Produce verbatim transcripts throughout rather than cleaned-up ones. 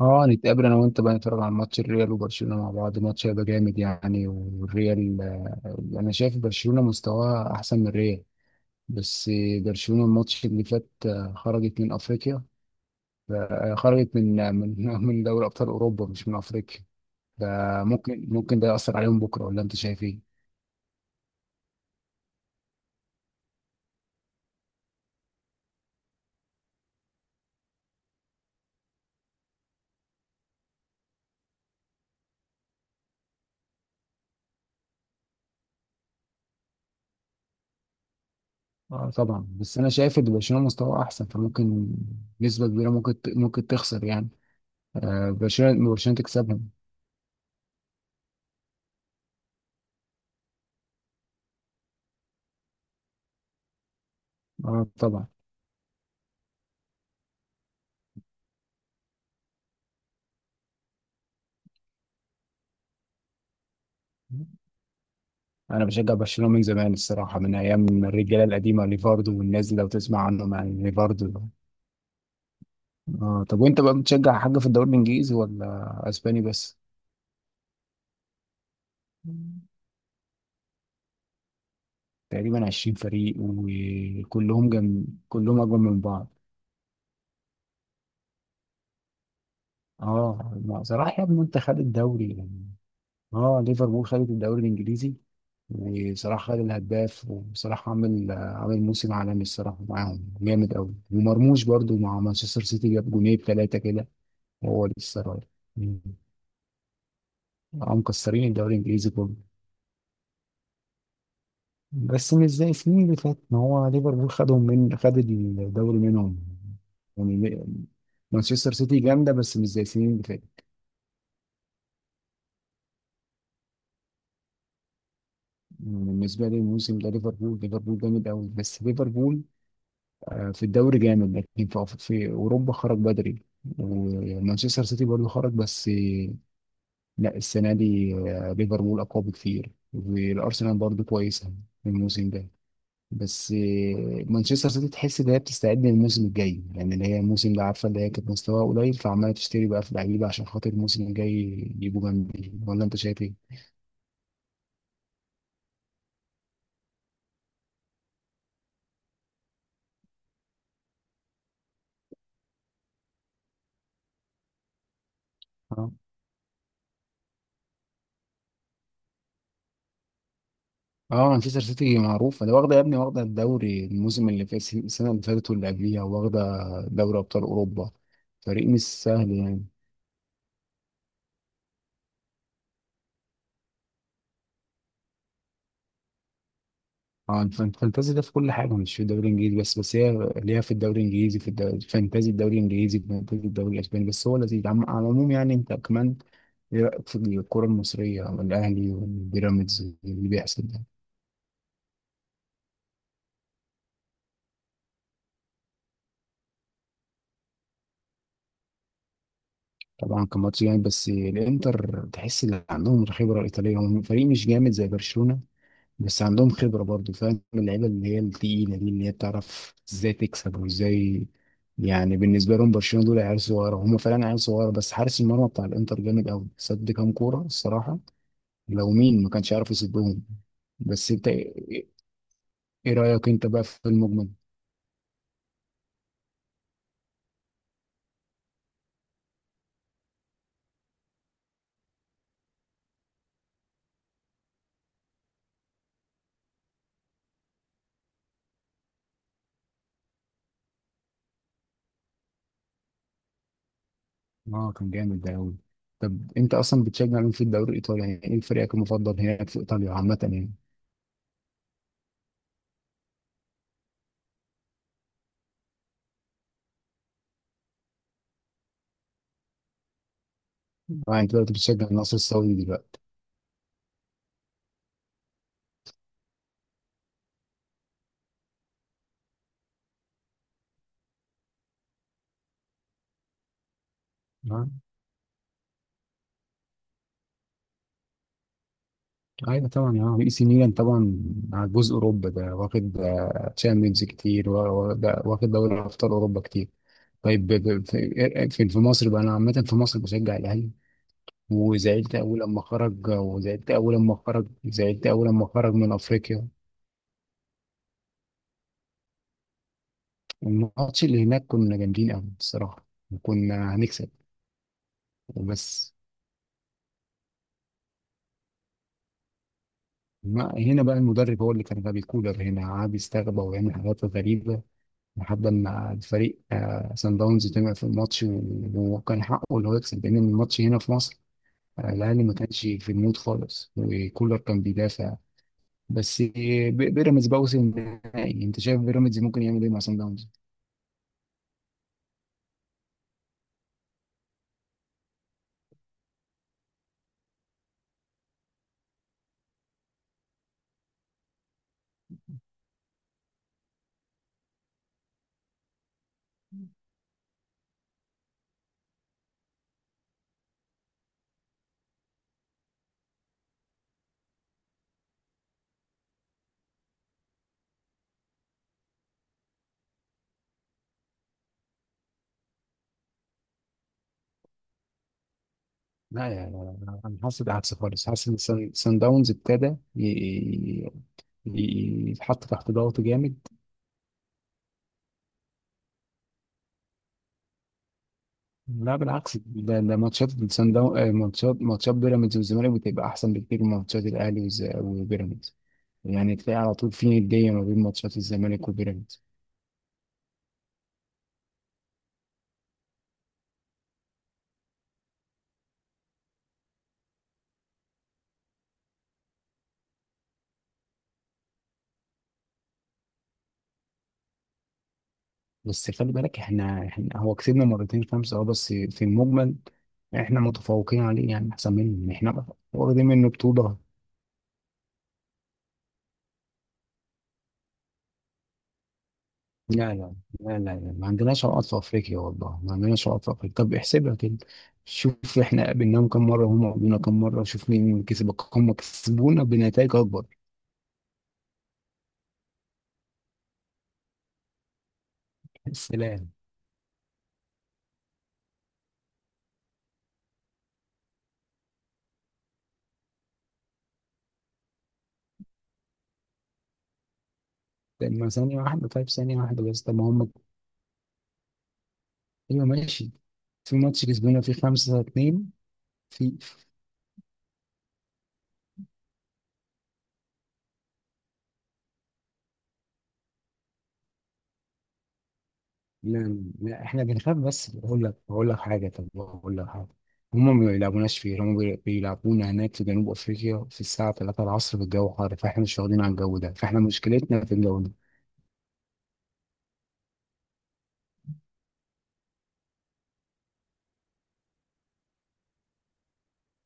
اه، نتقابل انا وانت بقى نتفرج على ماتش الريال وبرشلونه مع بعض. ماتش هيبقى جامد يعني، والريال آه، انا شايف برشلونه مستواها احسن من الريال. بس برشلونه الماتش اللي فات آه، خرجت من افريقيا. ف- آه، خرجت من آه، من من دوري ابطال اوروبا، مش من افريقيا. فممكن ممكن ده ياثر عليهم بكره، ولا انت شايف ايه؟ اه طبعا، بس انا شايف ان برشلونه مستواه احسن، فممكن نسبه كبيره ممكن ت- ممكن تخسر يعني. آه، برشلونه برشلونه تكسبهم. اه طبعا، انا بشجع برشلونه من زمان الصراحه، من ايام الرجاله القديمه ليفاردو، والناس اللي لو تسمع عنهم يعني ليفاردو. اه، طب وانت بقى بتشجع حاجه في الدوري الانجليزي ولا اسباني بس؟ تقريبا عشرين فريق، وكلهم جم... كلهم اجمل من بعض. اه ما- صراحه يا ابني انت خد الدوري يعني. اه، ليفربول خدت الدوري الانجليزي. وصراحه خد الهداف، وصراحه عامل عامل موسم عالمي الصراحه، معاهم جامد قوي. ومرموش برضو مع مانشستر سيتي جاب جونين ثلاثه كده، هو لسه رايح. مم. آه، مكسرين الدوري الانجليزي كله. بس مش زي السنين اللي فاتت، ما هو ليفربول خدهم، من خد الدوري منهم يعني. ل- مانشستر سيتي جامده، بس مش زي السنين اللي فاتت. يعني بالنسبه لي الموسم ده ليفربول، ليفربول جامد قوي. بس ليفربول آه، في الدوري جامد، لكن في أف- في اوروبا خرج بدري. ومانشستر سيتي برضه خرج، بس آه، لا السنه دي آه، ليفربول اقوى بكتير. والارسنال برضه كويسه الموسم ده. بس آه، مانشستر سيتي تحس ان هي بتستعد للموسم الجاي، يعني اللي هي الموسم ده عارفه اللي هي كانت مستواها قليل، فعماله تشتري بقى في لعيبه عشان خاطر الموسم الجاي يجيبوا جنبي، ولا انت شايف ايه؟ اه. اه، مانشستر سيتي معروفه، ده واخده يا ابني، واخده الدوري الموسم اللي فات، السنه اللي فاتت واللي قبليها، واخده دوري ابطال اوروبا. فريق مش سهل يعني. اه، الف- الفانتازي ده في كل حاجه، مش في الدوري الانجليزي بس. بس هي ليها في الدوري الانجليزي، في الدوري الفانتازي، الدوري الانجليزي الفانتازي، الدوري الاسباني. بس هو لذيذ عم- على العموم يعني. انت كمان ايه رايك في الكره المصريه والاهلي والبيراميدز اللي بيحصل ده؟ طبعا كان ماتش جامد، بس الانتر تحس ان عندهم الخبره الايطاليه. هم فريق مش جامد زي برشلونه، بس عندهم خبرة برضو، فاهم اللعيبة اللي هي التقيلة دي، اللي هي بتعرف ازاي تكسب وازاي. يعني بالنسبة لهم برشلونة دول عيال صغيرة، هم فعلا عيال صغيرة. بس حارس المرمى بتاع الانتر جامد قوي، صد كام كورة الصراحة، لو مين ما كانش عارف يصدهم. بس انت ايه إيه رأيك انت بقى في المجمل؟ اه، كان جامد ده قوي. طب انت اصلا بتشجع مين في الدوري الايطالي يعني؟ ايه فريقك المفضل هناك في ايطاليا عامة يعني؟ اه، انت دلوقتي بتشجع النصر السعودي دلوقتي. ايوه طبعا، اه اي سي ميلان طبعا. على جزء اوروبا ده واخد تشامبيونز كتير، وا- وا- ده واخد دوري ابطال اوروبا كتير. طيب ب- ب- في آه، في في مصر بقى، انا عامه في مصر بشجع الاهلي. وزعلت اول لما خرج، وزعلت اول لما خرج زعلت اول لما خرج من افريقيا. الماتش اللي هناك كنا جامدين قوي الصراحه، وكنا هنكسب وبس. ما هنا بقى المدرب هو اللي كان غبي، كولر هنا قعد يستغبى ويعمل حاجات غريبه، لحد ما الفريق آه، سان داونز طمع في الماتش، و- وكان حقه اللي هو يكسب، لان الماتش هنا في مصر. آه، الاهلي ما كانش في المود خالص، وكولر كان بيدافع. بس آه، بي- بيراميدز بقى وصل النهائي، انت شايف بيراميدز ممكن يعمل ايه مع سان داونز؟ لا يا لا، لا، انا حاسس بالعكس خالص، حاسس ان سان سان داونز ابتدى ي- ي- ي- يتحط تحت ضغط جامد. لا بالعكس، ده ده ماتشات سان داونز، ماتشات ماتشات بيراميدز والزمالك بتبقى احسن بكتير من ماتشات الاهلي وز- وبيراميدز. يعني تلاقي على طول في ندية ما بين ماتشات الزمالك وبيراميدز. بس خلي بالك، احنا, احنا هو كسبنا مرتين خمسة اه، بس في المجمل احنا متفوقين عليه يعني، احسن منهم احنا، واخدين منه بطولة. لا لا لا لا لا ما عندناش عقد في افريقيا، والله ما عندناش عقد في افريقيا. طب احسبها كده، شوف احنا قابلناهم كم مرة وهم قابلونا كم مرة، شوف مين كسب. هم كسبونا بنتائج اكبر. السلام. لما ثانية واحدة، طيب ثانية واحدة بس، طب ما هم. ايوه، ماشي. في ماتش كسبونا فيه خمسة اتنين. في لا لا احنا بنخاف، بس بقول لك، بقول لك حاجه، طب بقول لك حاجه. هم ما بيلعبوناش فيه، هم بي- بيلعبونا هناك في جنوب افريقيا في الساعه تلاته العصر، في الجو حار، فاحنا مش واخدين على الجو ده، فاحنا مشكلتنا في الجو ده.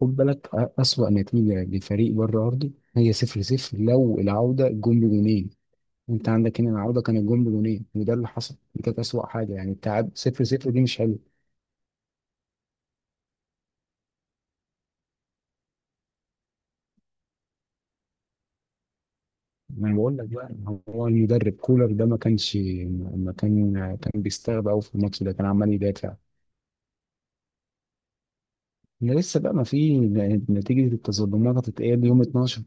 خد بالك، أ- اسوأ نتيجه لفريق بره ارضي هي صفر صفر، لو العوده جون بجونين. انت عندك هنا العوده كان الجون بجونين، وده اللي حصل. دي كانت اسوأ حاجه، يعني التعادل صفر صفر دي مش حلوه. ما انا بقول لك بقى، هو المدرب كولر ده ما كانش، ما كان كان بيستغرب قوي في الماتش ده، كان عمال يدافع. ده لسه بقى، ما في نتيجة التظلمات، هتتقال يوم اتناشر.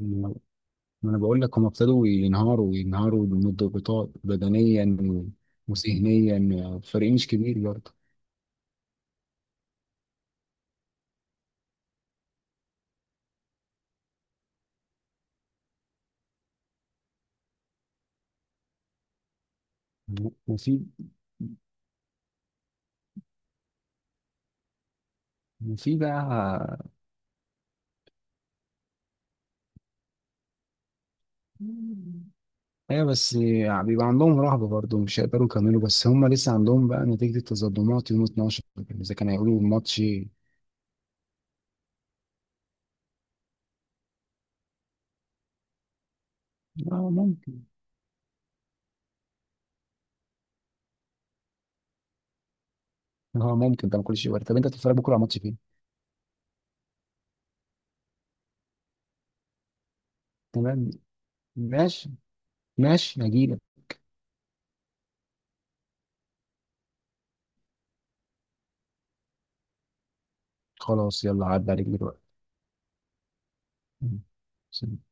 ما انا بقول لك، هم ابتدوا ينهاروا، ينهاروا من الضغوطات بدنيا و- وذهنيا. فريق مش كبير برضه. وفي وفي بقى. ايوه بس يعني بيبقى عندهم رهبة برضه، مش هيقدروا يكملوا. بس هم لسه عندهم بقى نتيجة التظلمات يوم اتناشر، اذا كانوا هيقولوا الماتش. اه ممكن، اه ممكن ده، ما كل شيء وارد. طب انت هتتفرج بكره على ماتش فين؟ تمام، ماشي. ماشي هجيلك. خلاص يلا، عدى عليك دلوقتي. مم. سلام.